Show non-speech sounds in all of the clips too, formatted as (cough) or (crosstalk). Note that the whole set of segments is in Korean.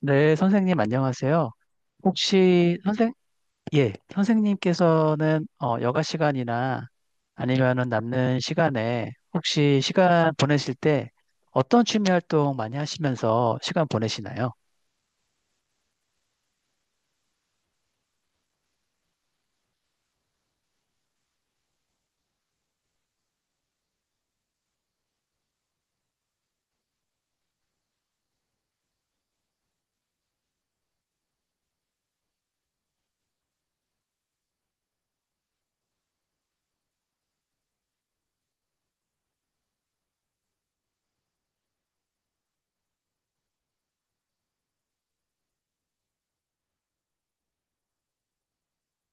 네, 선생님 안녕하세요. 혹시 선생, 예, 선생님께서는 여가 시간이나 아니면은 남는 시간에 혹시 시간 보내실 때 어떤 취미 활동 많이 하시면서 시간 보내시나요?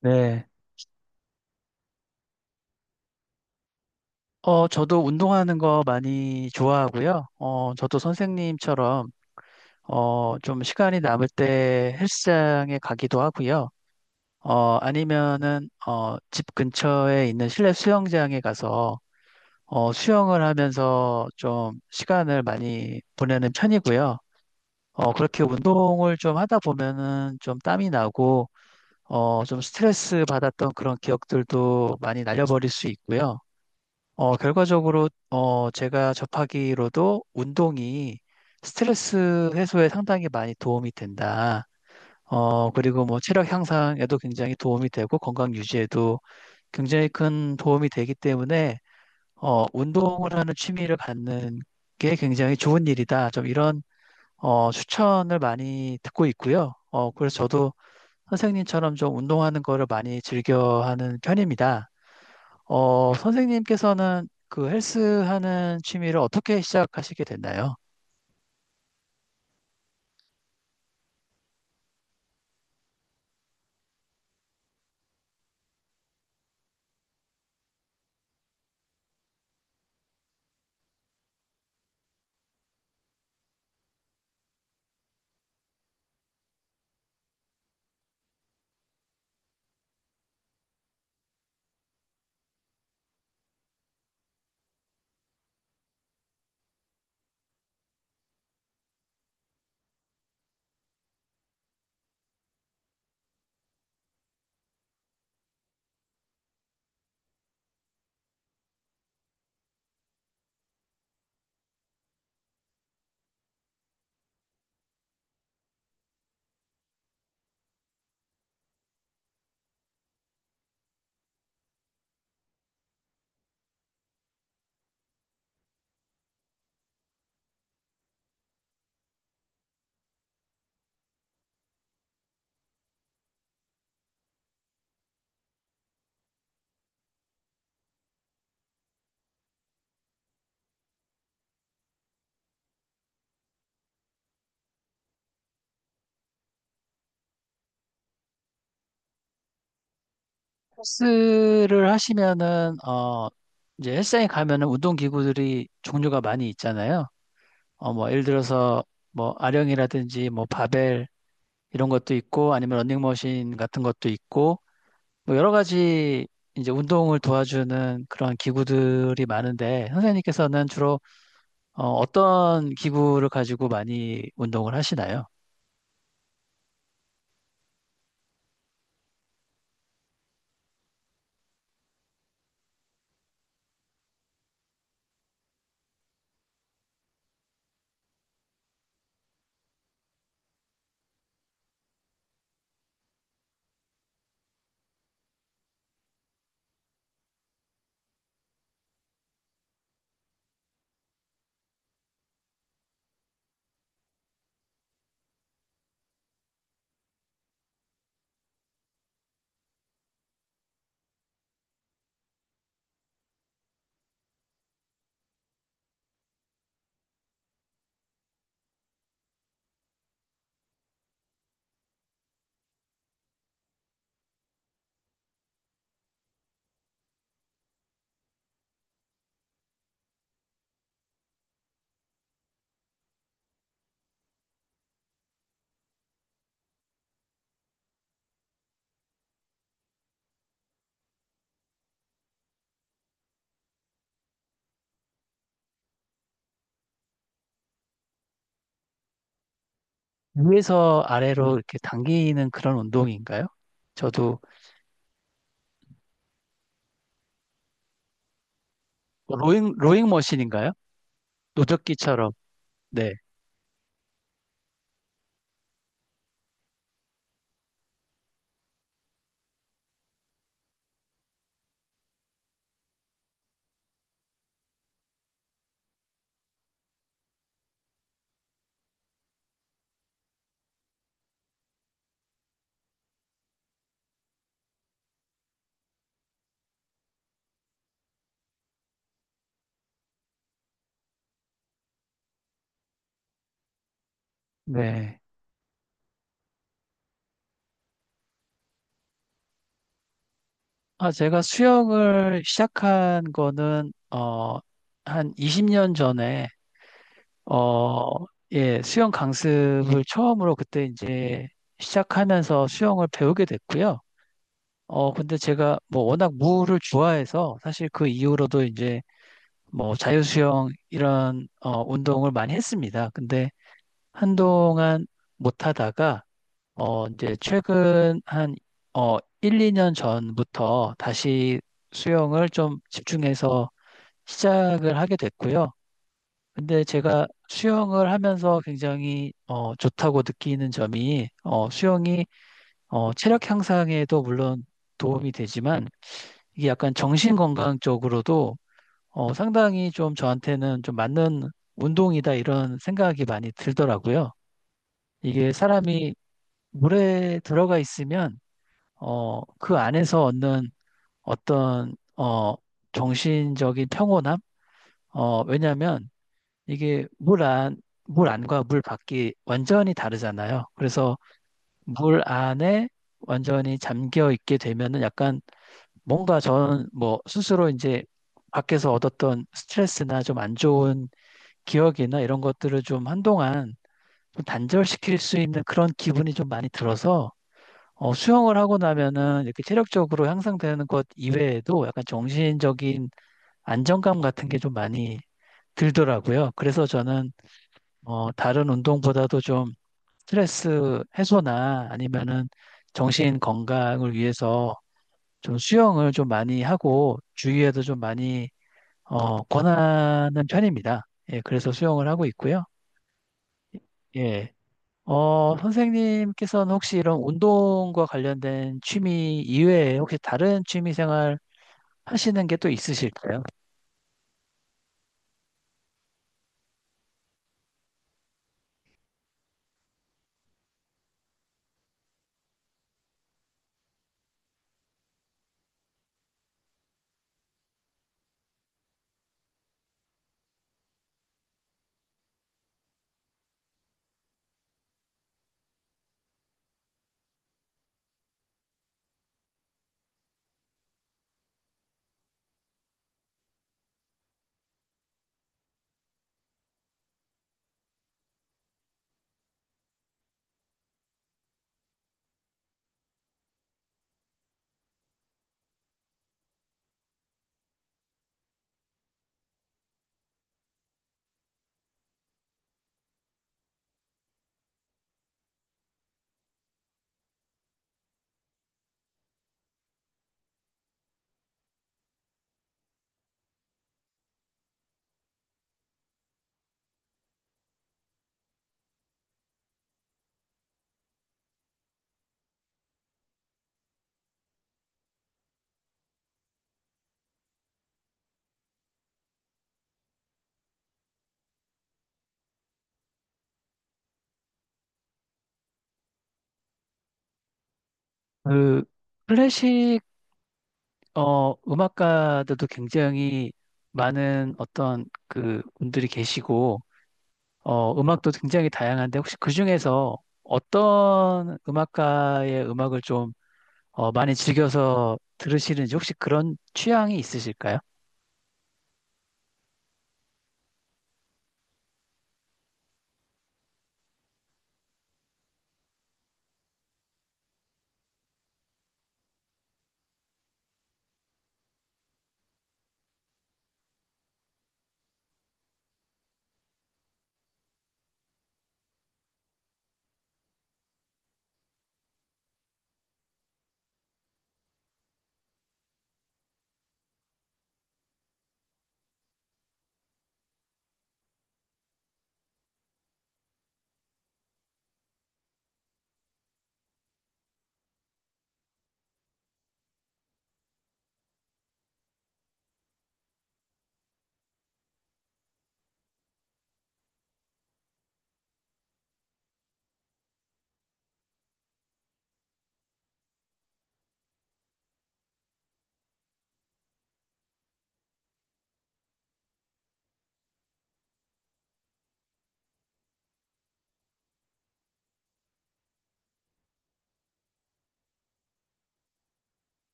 네. 저도 운동하는 거 많이 좋아하고요. 저도 선생님처럼 좀 시간이 남을 때 헬스장에 가기도 하고요. 아니면은 집 근처에 있는 실내 수영장에 가서 수영을 하면서 좀 시간을 많이 보내는 편이고요. 그렇게 운동을 좀 하다 보면은 좀 땀이 나고, 좀 스트레스 받았던 그런 기억들도 많이 날려버릴 수 있고요. 결과적으로, 제가 접하기로도 운동이 스트레스 해소에 상당히 많이 도움이 된다. 그리고 뭐 체력 향상에도 굉장히 도움이 되고 건강 유지에도 굉장히 큰 도움이 되기 때문에 운동을 하는 취미를 갖는 게 굉장히 좋은 일이다. 좀 이런 추천을 많이 듣고 있고요. 그래서 저도 선생님처럼 좀 운동하는 거를 많이 즐겨하는 편입니다. 선생님께서는 그 헬스 하는 취미를 어떻게 시작하시게 됐나요? 헬스를 하시면은 이제 헬스장에 가면은 운동 기구들이 종류가 많이 있잖아요. 뭐 예를 들어서 뭐 아령이라든지 뭐 바벨 이런 것도 있고 아니면 러닝머신 같은 것도 있고 뭐 여러 가지 이제 운동을 도와주는 그런 기구들이 많은데 선생님께서는 주로 떤 기구를 가지고 많이 운동을 하시나요? 위에서 아래로 이렇게 당기는 그런 운동인가요? 저도 뭐 로잉 머신인가요? 노젓기처럼. 네. 네. 아, 제가 수영을 시작한 거는 한 20년 전에 어, 예, 수영 강습을 처음으로 그때 이제 시작하면서 수영을 배우게 됐고요. 근데 제가 뭐 워낙 물을 좋아해서 사실 그 이후로도 이제 뭐 자유수영 이런 운동을 많이 했습니다. 근데 한동안 못 하다가 이제 최근 한 1, 2년 전부터 다시 수영을 좀 집중해서 시작을 하게 됐고요. 근데 제가 수영을 하면서 굉장히 좋다고 느끼는 점이 수영이 체력 향상에도 물론 도움이 되지만 이게 약간 정신 건강 쪽으로도 상당히 좀 저한테는 좀 맞는 운동이다 이런 생각이 많이 들더라고요. 이게 사람이 물에 들어가 있으면 그 안에서 얻는 어떤 정신적인 평온함? 왜냐하면 이게 물 안, 물 안과 물 밖이 완전히 다르잖아요. 그래서 물 안에 완전히 잠겨 있게 되면은 약간 뭔가 전 뭐 스스로 이제 밖에서 얻었던 스트레스나 좀 안 좋은 기억이나 이런 것들을 좀 한동안 좀 단절시킬 수 있는 그런 기분이 좀 많이 들어서 수영을 하고 나면은 이렇게 체력적으로 향상되는 것 이외에도 약간 정신적인 안정감 같은 게 좀 많이 들더라고요. 그래서 저는 다른 운동보다도 좀 스트레스 해소나 아니면은 정신 건강을 위해서 좀 수영을 좀 많이 하고 주위에도 좀 많이 권하는 편입니다. 예, 그래서 수영을 하고 있고요. 예. 선생님께서는 혹시 이런 운동과 관련된 취미 이외에 혹시 다른 취미 생활 하시는 게 또 있으실까요? 그 클래식 음악가들도 굉장히 많은 어떤 그 분들이 계시고, 음악도 굉장히 다양한데 혹시 그 중에서 어떤 음악가의 음악을 좀 많이 즐겨서 들으시는지 혹시 그런 취향이 있으실까요?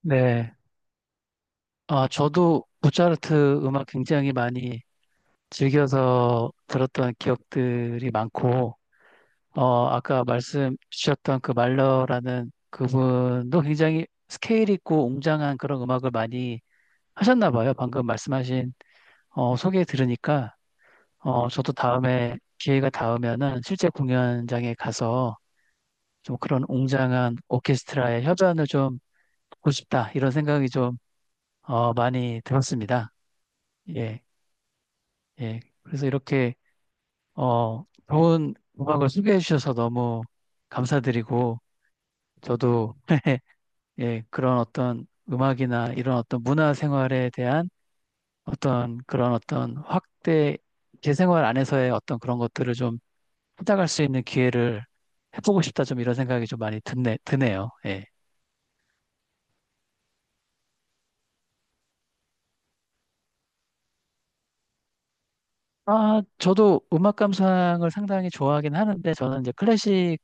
네. 아, 저도 모차르트 음악 굉장히 많이 즐겨서 들었던 기억들이 많고, 아까 말씀 주셨던 그 말러라는 그분도 굉장히 스케일 있고 웅장한 그런 음악을 많이 하셨나 봐요. 방금 말씀하신 소개 들으니까 저도 다음에 기회가 닿으면은 실제 공연장에 가서 좀 그런 웅장한 오케스트라의 협연을 좀 보고 싶다 이런 생각이 좀 많이 들었습니다. 예, 예. 그래서 이렇게 좋은 음악을 소개해 주셔서 너무 감사드리고 저도 (laughs) 예, 그런 어떤 음악이나 이런 어떤 문화 생활에 대한 어떤 그런 어떤 확대, 제 생활 안에서의 어떤 그런 것들을 좀 찾아갈 수 있는 기회를 해보고 싶다, 좀 이런 생각이 좀 많이 드네요. 예. 아, 저도 음악 감상을 상당히 좋아하긴 하는데, 저는 이제 클래식보다는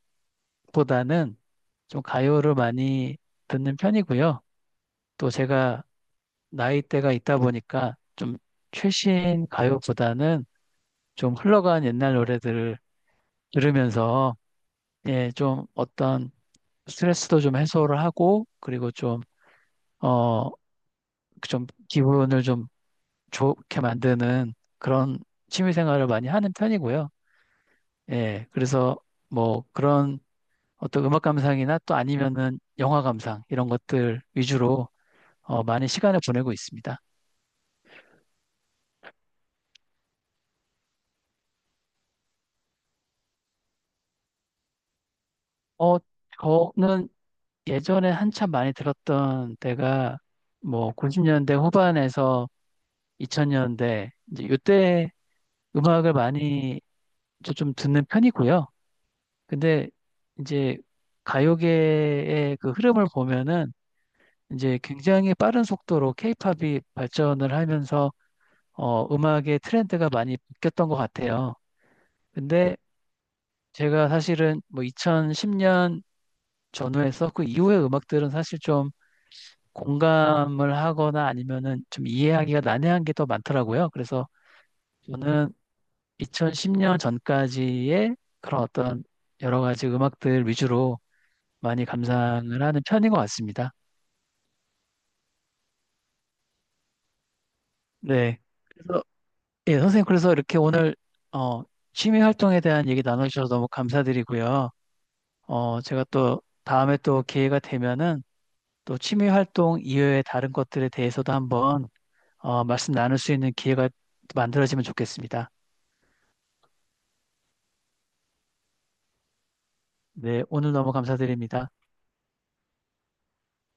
좀 가요를 많이 듣는 편이고요. 또 제가 나이대가 있다 보니까 좀 최신 가요보다는 좀 흘러간 옛날 노래들을 들으면서 예, 좀 어떤 스트레스도 좀 해소를 하고, 그리고 좀, 어, 좀 기분을 좀 좋게 만드는 그런 취미 생활을 많이 하는 편이고요. 예, 그래서 뭐 그런 어떤 음악 감상이나 또 아니면은 영화 감상 이런 것들 위주로 많이 시간을 보내고 있습니다. 어, 저는 예전에 한참 많이 들었던 때가 뭐 90년대 후반에서 2000년대 이제 이때 음악을 많이 저 좀 듣는 편이고요. 근데 이제 가요계의 그 흐름을 보면은 이제 굉장히 빠른 속도로 케이팝이 발전을 하면서 음악의 트렌드가 많이 바뀌었던 것 같아요. 근데 제가 사실은 뭐 2010년 전후에서 그 이후의 음악들은 사실 좀 공감을 하거나 아니면은 좀 이해하기가 난해한 게 더 많더라고요. 그래서 저는 2010년 전까지의 그런 어떤 여러 가지 음악들 위주로 많이 감상을 하는 편인 것 같습니다. 네. 그래서 예, 선생님 그래서 이렇게 오늘 어, 취미 활동에 대한 얘기 나눠주셔서 너무 감사드리고요. 제가 또 다음에 또 기회가 되면은 또 취미 활동 이외의 다른 것들에 대해서도 한번 말씀 나눌 수 있는 기회가 만들어지면 좋겠습니다. 네, 오늘 너무 감사드립니다.